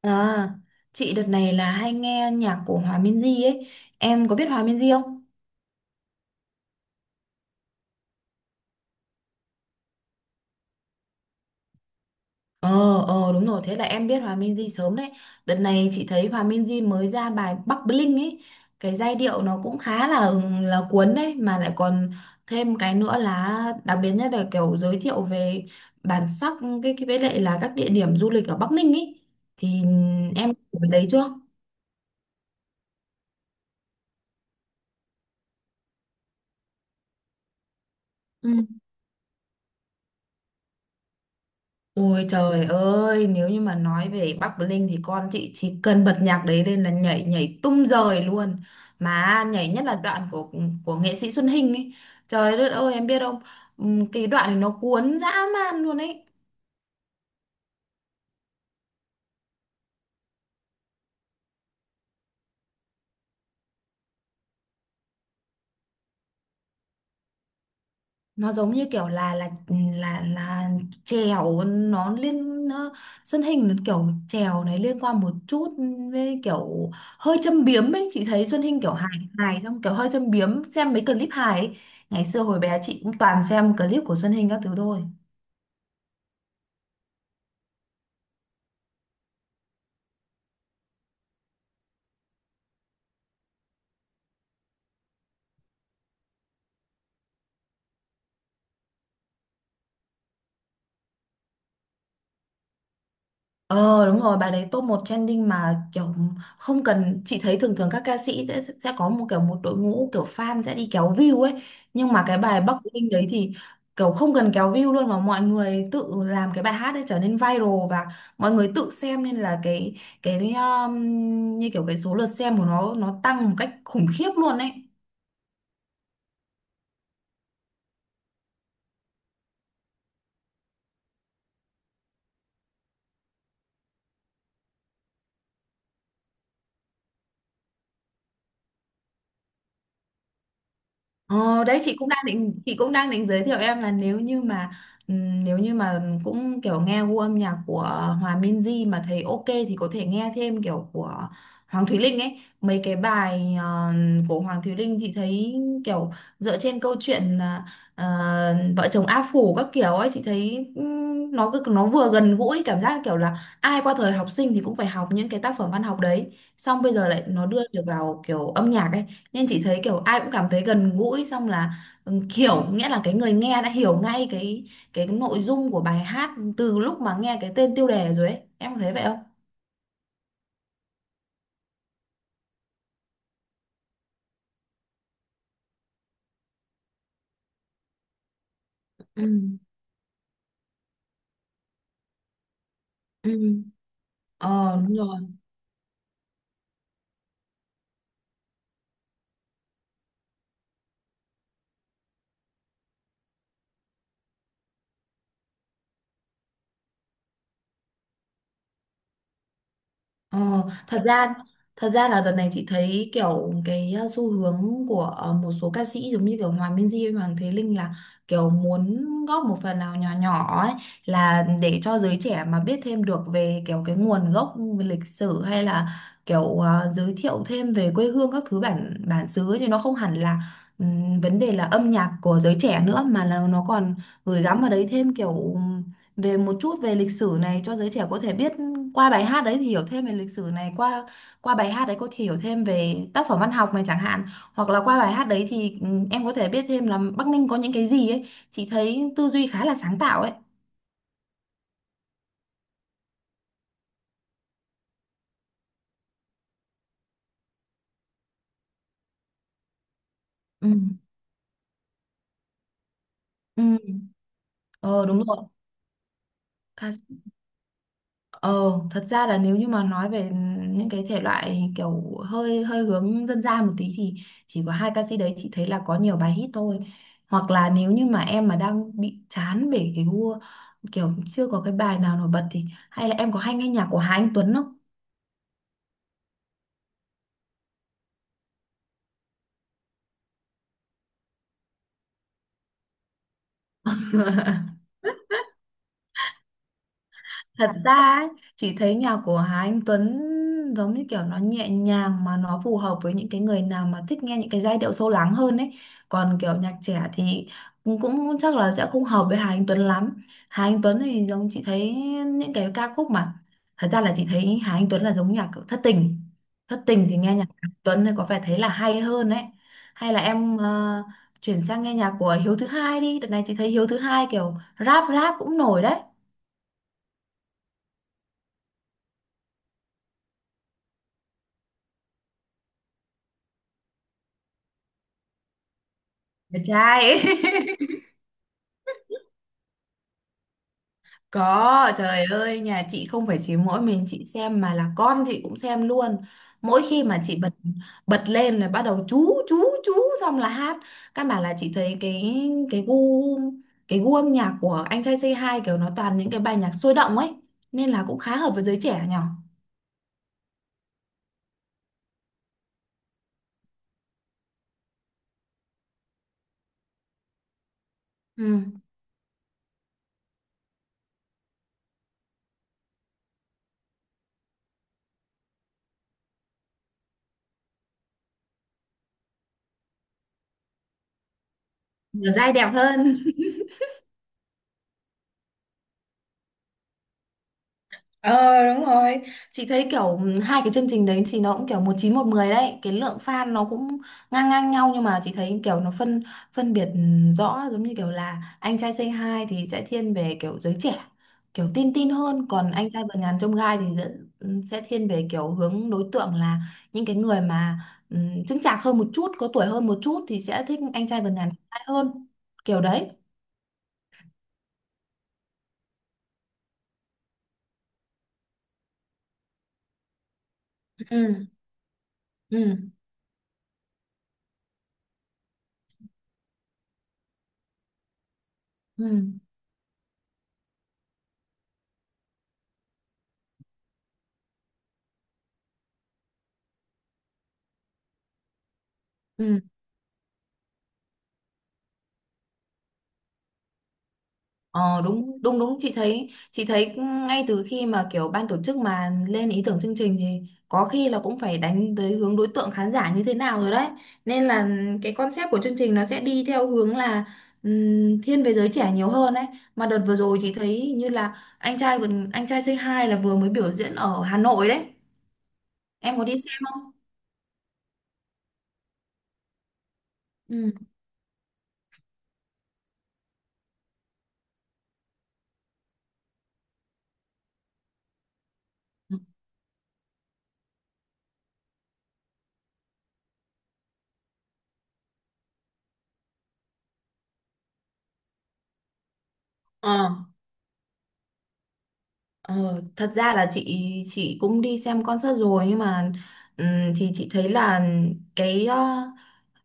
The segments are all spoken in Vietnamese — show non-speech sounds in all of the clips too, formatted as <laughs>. À, chị đợt này là hay nghe nhạc của Hòa Minzy ấy. Em có biết Hòa Minzy không? Ờ, ờ đúng rồi, thế là em biết Hòa Minzy sớm đấy. Đợt này chị thấy Hòa Minzy mới ra bài Bắc Bling ấy. Cái giai điệu nó cũng khá là cuốn đấy, mà lại còn thêm cái nữa là đặc biệt nhất là kiểu giới thiệu về bản sắc cái với lại là các địa điểm du lịch ở Bắc Ninh ấy. Thì em có biết đấy chưa? Ôi trời ơi, nếu như mà nói về Bắc Bling thì con chị chỉ cần bật nhạc đấy lên là nhảy nhảy tung rời luôn. Mà nhảy nhất là đoạn của nghệ sĩ Xuân Hinh ấy. Trời đất ơi, em biết không? Cái đoạn này nó cuốn dã man luôn ấy. Nó giống như kiểu là chèo Xuân Hình nó kiểu chèo này liên quan một chút với kiểu hơi châm biếm ấy. Chị thấy Xuân Hình kiểu hài hài, xong kiểu hơi châm biếm, xem mấy clip hài ấy. Ngày xưa hồi bé chị cũng toàn xem clip của Xuân Hình các thứ thôi. Ờ đúng rồi, bài đấy top 1 trending, mà kiểu không cần, chị thấy thường thường các ca sĩ sẽ có một đội ngũ kiểu fan sẽ đi kéo view ấy, nhưng mà cái bài Bắc Linh đấy thì kiểu không cần kéo view luôn, mà mọi người tự làm cái bài hát ấy trở nên viral, và mọi người tự xem, nên là cái như kiểu cái số lượt xem của nó tăng một cách khủng khiếp luôn ấy. Ờ, đấy chị cũng đang định giới thiệu em là nếu như mà cũng kiểu nghe gu âm nhạc của Hòa Minzy mà thấy ok thì có thể nghe thêm kiểu của Hoàng Thùy Linh ấy. Mấy cái bài của Hoàng Thùy Linh, chị thấy kiểu dựa trên câu chuyện là ờ, vợ chồng A Phủ các kiểu ấy. Chị thấy nó cứ nó vừa gần gũi, cảm giác kiểu là ai qua thời học sinh thì cũng phải học những cái tác phẩm văn học đấy, xong bây giờ lại nó đưa được vào kiểu âm nhạc ấy, nên chị thấy kiểu ai cũng cảm thấy gần gũi, xong là hiểu nghĩa là cái người nghe đã hiểu ngay cái nội dung của bài hát từ lúc mà nghe cái tên tiêu đề rồi ấy. Em có thấy vậy không? Ừ. Ừ. Ờ đúng rồi. Ờ, thật ra thật ra là đợt này chị thấy kiểu cái xu hướng của một số ca sĩ giống như kiểu Hòa Minzy hay Hoàng Thế Linh là kiểu muốn góp một phần nào nhỏ nhỏ ấy, là để cho giới trẻ mà biết thêm được về kiểu cái nguồn gốc về lịch sử, hay là kiểu giới thiệu thêm về quê hương các thứ bản bản xứ ấy, chứ nó không hẳn là vấn đề là âm nhạc của giới trẻ nữa, mà là nó còn gửi gắm vào đấy thêm kiểu về một chút về lịch sử này cho giới trẻ có thể biết, qua bài hát đấy thì hiểu thêm về lịch sử này, qua qua bài hát đấy có thể hiểu thêm về tác phẩm văn học này chẳng hạn, hoặc là qua bài hát đấy thì em có thể biết thêm là Bắc Ninh có những cái gì ấy. Chị thấy tư duy khá là sáng tạo ấy. Ừ. Ừ. Ờ đúng rồi. Ca- Ờ, thật ra là nếu như mà nói về những cái thể loại kiểu hơi hơi hướng dân gian một tí thì chỉ có hai ca sĩ đấy, chị thấy là có nhiều bài hit thôi. Hoặc là nếu như mà em mà đang bị chán về cái gu, kiểu chưa có cái bài nào nổi bật, thì hay là em có hay nghe nhạc của Hà Anh Tuấn không? Thật ra ấy, chị thấy nhạc của Hà Anh Tuấn giống như kiểu nó nhẹ nhàng, mà nó phù hợp với những cái người nào mà thích nghe những cái giai điệu sâu lắng hơn ấy. Còn kiểu nhạc trẻ thì cũng chắc là sẽ không hợp với Hà Anh Tuấn lắm. Hà Anh Tuấn thì giống chị thấy những cái ca khúc mà, thật ra là chị thấy Hà Anh Tuấn là giống nhạc kiểu thất tình. Thất tình thì nghe nhạc Hà Anh Tuấn thì có vẻ thấy là hay hơn ấy. Hay là em chuyển sang nghe nhạc của Hiếu thứ hai đi. Đợt này chị thấy Hiếu thứ hai kiểu rap rap cũng nổi đấy. Đẹp trai <laughs> Có, trời ơi, nhà chị không phải chỉ mỗi mình chị xem mà là con chị cũng xem luôn. Mỗi khi mà chị bật bật lên là bắt đầu chú, xong là hát. Căn bản là chị thấy cái gu cái gu âm nhạc của anh trai Say Hi kiểu nó toàn những cái bài nhạc sôi động ấy, nên là cũng khá hợp với giới trẻ nhở. Ừ, nhiều giai đẹp hơn. Ờ đúng rồi. Chị thấy kiểu hai cái chương trình đấy thì nó cũng kiểu một chín một mười đấy. Cái lượng fan nó cũng ngang ngang nhau. Nhưng mà chị thấy kiểu nó phân phân biệt rõ. Giống như kiểu là anh trai Say Hi thì sẽ thiên về kiểu giới trẻ, kiểu tin tin hơn. Còn anh trai vượt ngàn chông gai thì sẽ thiên về kiểu hướng đối tượng là những cái người mà chững chạc hơn một chút, có tuổi hơn một chút, thì sẽ thích anh trai vượt ngàn chông gai hơn. Kiểu đấy. Ừ. Ừ. Ừ. Ừ. Ờ, đúng đúng đúng, chị thấy ngay từ khi mà kiểu ban tổ chức mà lên ý tưởng chương trình thì có khi là cũng phải đánh tới hướng đối tượng khán giả như thế nào rồi đấy, nên là cái concept của chương trình nó sẽ đi theo hướng là thiên về giới trẻ nhiều hơn ấy. Mà đợt vừa rồi chị thấy như là anh trai Say Hi là vừa mới biểu diễn ở Hà Nội đấy. Em có đi xem không? Ừ. Ờ. Ờ, thật ra là chị cũng đi xem concert rồi, nhưng mà ừm, thì chị thấy là cái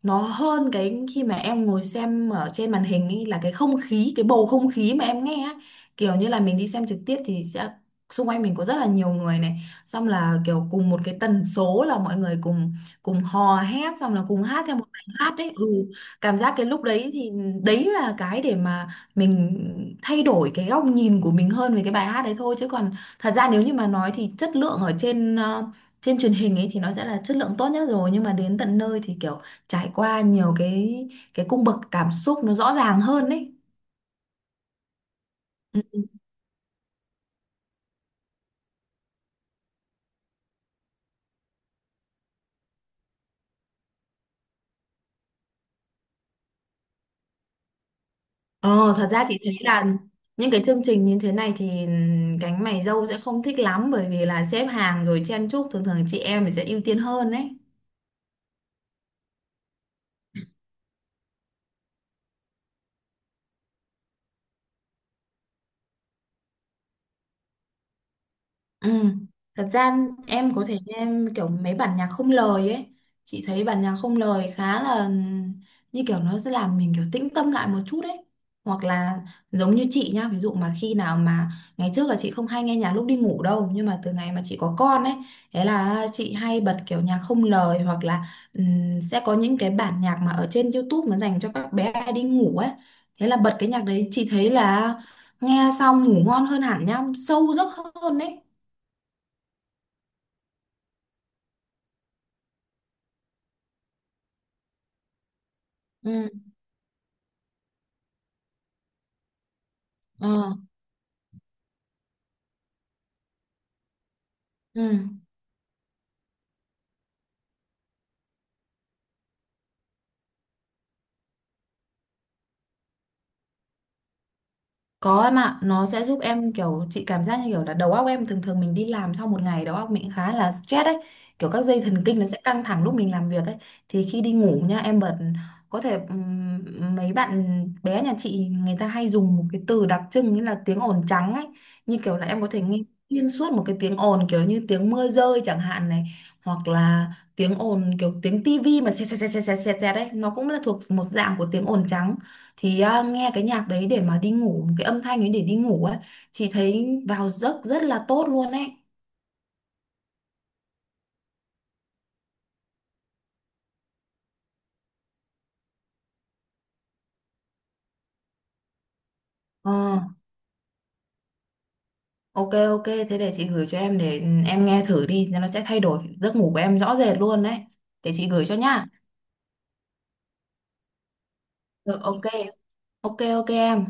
nó hơn cái khi mà em ngồi xem ở trên màn hình ấy là cái không khí, cái bầu không khí mà em nghe á, kiểu như là mình đi xem trực tiếp thì sẽ xung quanh mình có rất là nhiều người này, xong là kiểu cùng một cái tần số là mọi người cùng cùng hò hét, xong là cùng hát theo một bài hát đấy, cảm giác cái lúc đấy thì đấy là cái để mà mình thay đổi cái góc nhìn của mình hơn về cái bài hát đấy thôi, chứ còn thật ra nếu như mà nói thì chất lượng ở trên trên truyền hình ấy thì nó sẽ là chất lượng tốt nhất rồi, nhưng mà đến tận nơi thì kiểu trải qua nhiều cái cung bậc cảm xúc nó rõ ràng hơn ấy. Ừ. Ờ, thật ra chị thấy là những cái chương trình như thế này thì cánh mày râu sẽ không thích lắm, bởi vì là xếp hàng rồi chen chúc, thường thường chị em thì sẽ ưu tiên hơn đấy. Ừ. Thật ra em có thể em kiểu mấy bản nhạc không lời ấy, chị thấy bản nhạc không lời khá là như kiểu nó sẽ làm mình kiểu tĩnh tâm lại một chút ấy, hoặc là giống như chị nhá, ví dụ mà khi nào mà ngày trước là chị không hay nghe nhạc lúc đi ngủ đâu, nhưng mà từ ngày mà chị có con ấy, thế là chị hay bật kiểu nhạc không lời hoặc là sẽ có những cái bản nhạc mà ở trên YouTube nó dành cho các bé đi ngủ ấy, thế là bật cái nhạc đấy chị thấy là nghe xong ngủ ngon hơn hẳn nhá, sâu giấc hơn đấy. Ừ. Ờ. Ừ. Có em ạ, nó sẽ giúp em kiểu chị cảm giác như kiểu là đầu óc em, thường thường mình đi làm sau một ngày đầu óc mình khá là stress ấy, kiểu các dây thần kinh nó sẽ căng thẳng lúc mình làm việc ấy, thì khi đi ngủ nha em bật, có thể mấy bạn bé nhà chị người ta hay dùng một cái từ đặc trưng như là tiếng ồn trắng ấy, như kiểu là em có thể nghe xuyên suốt một cái tiếng ồn kiểu như tiếng mưa rơi chẳng hạn này, hoặc là tiếng ồn kiểu tiếng tivi mà xẹt xẹt xẹt xẹt xẹt xẹt đấy, nó cũng là thuộc một dạng của tiếng ồn trắng, thì nghe cái nhạc đấy để mà đi ngủ, cái âm thanh ấy để đi ngủ ấy, chị thấy vào giấc rất là tốt luôn ấy. Ờ, ok, ok, thế để chị gửi cho em để em nghe thử đi, nó sẽ thay đổi giấc ngủ của em rõ rệt luôn đấy, để chị gửi cho nhá. Rồi, ok, ok, ok em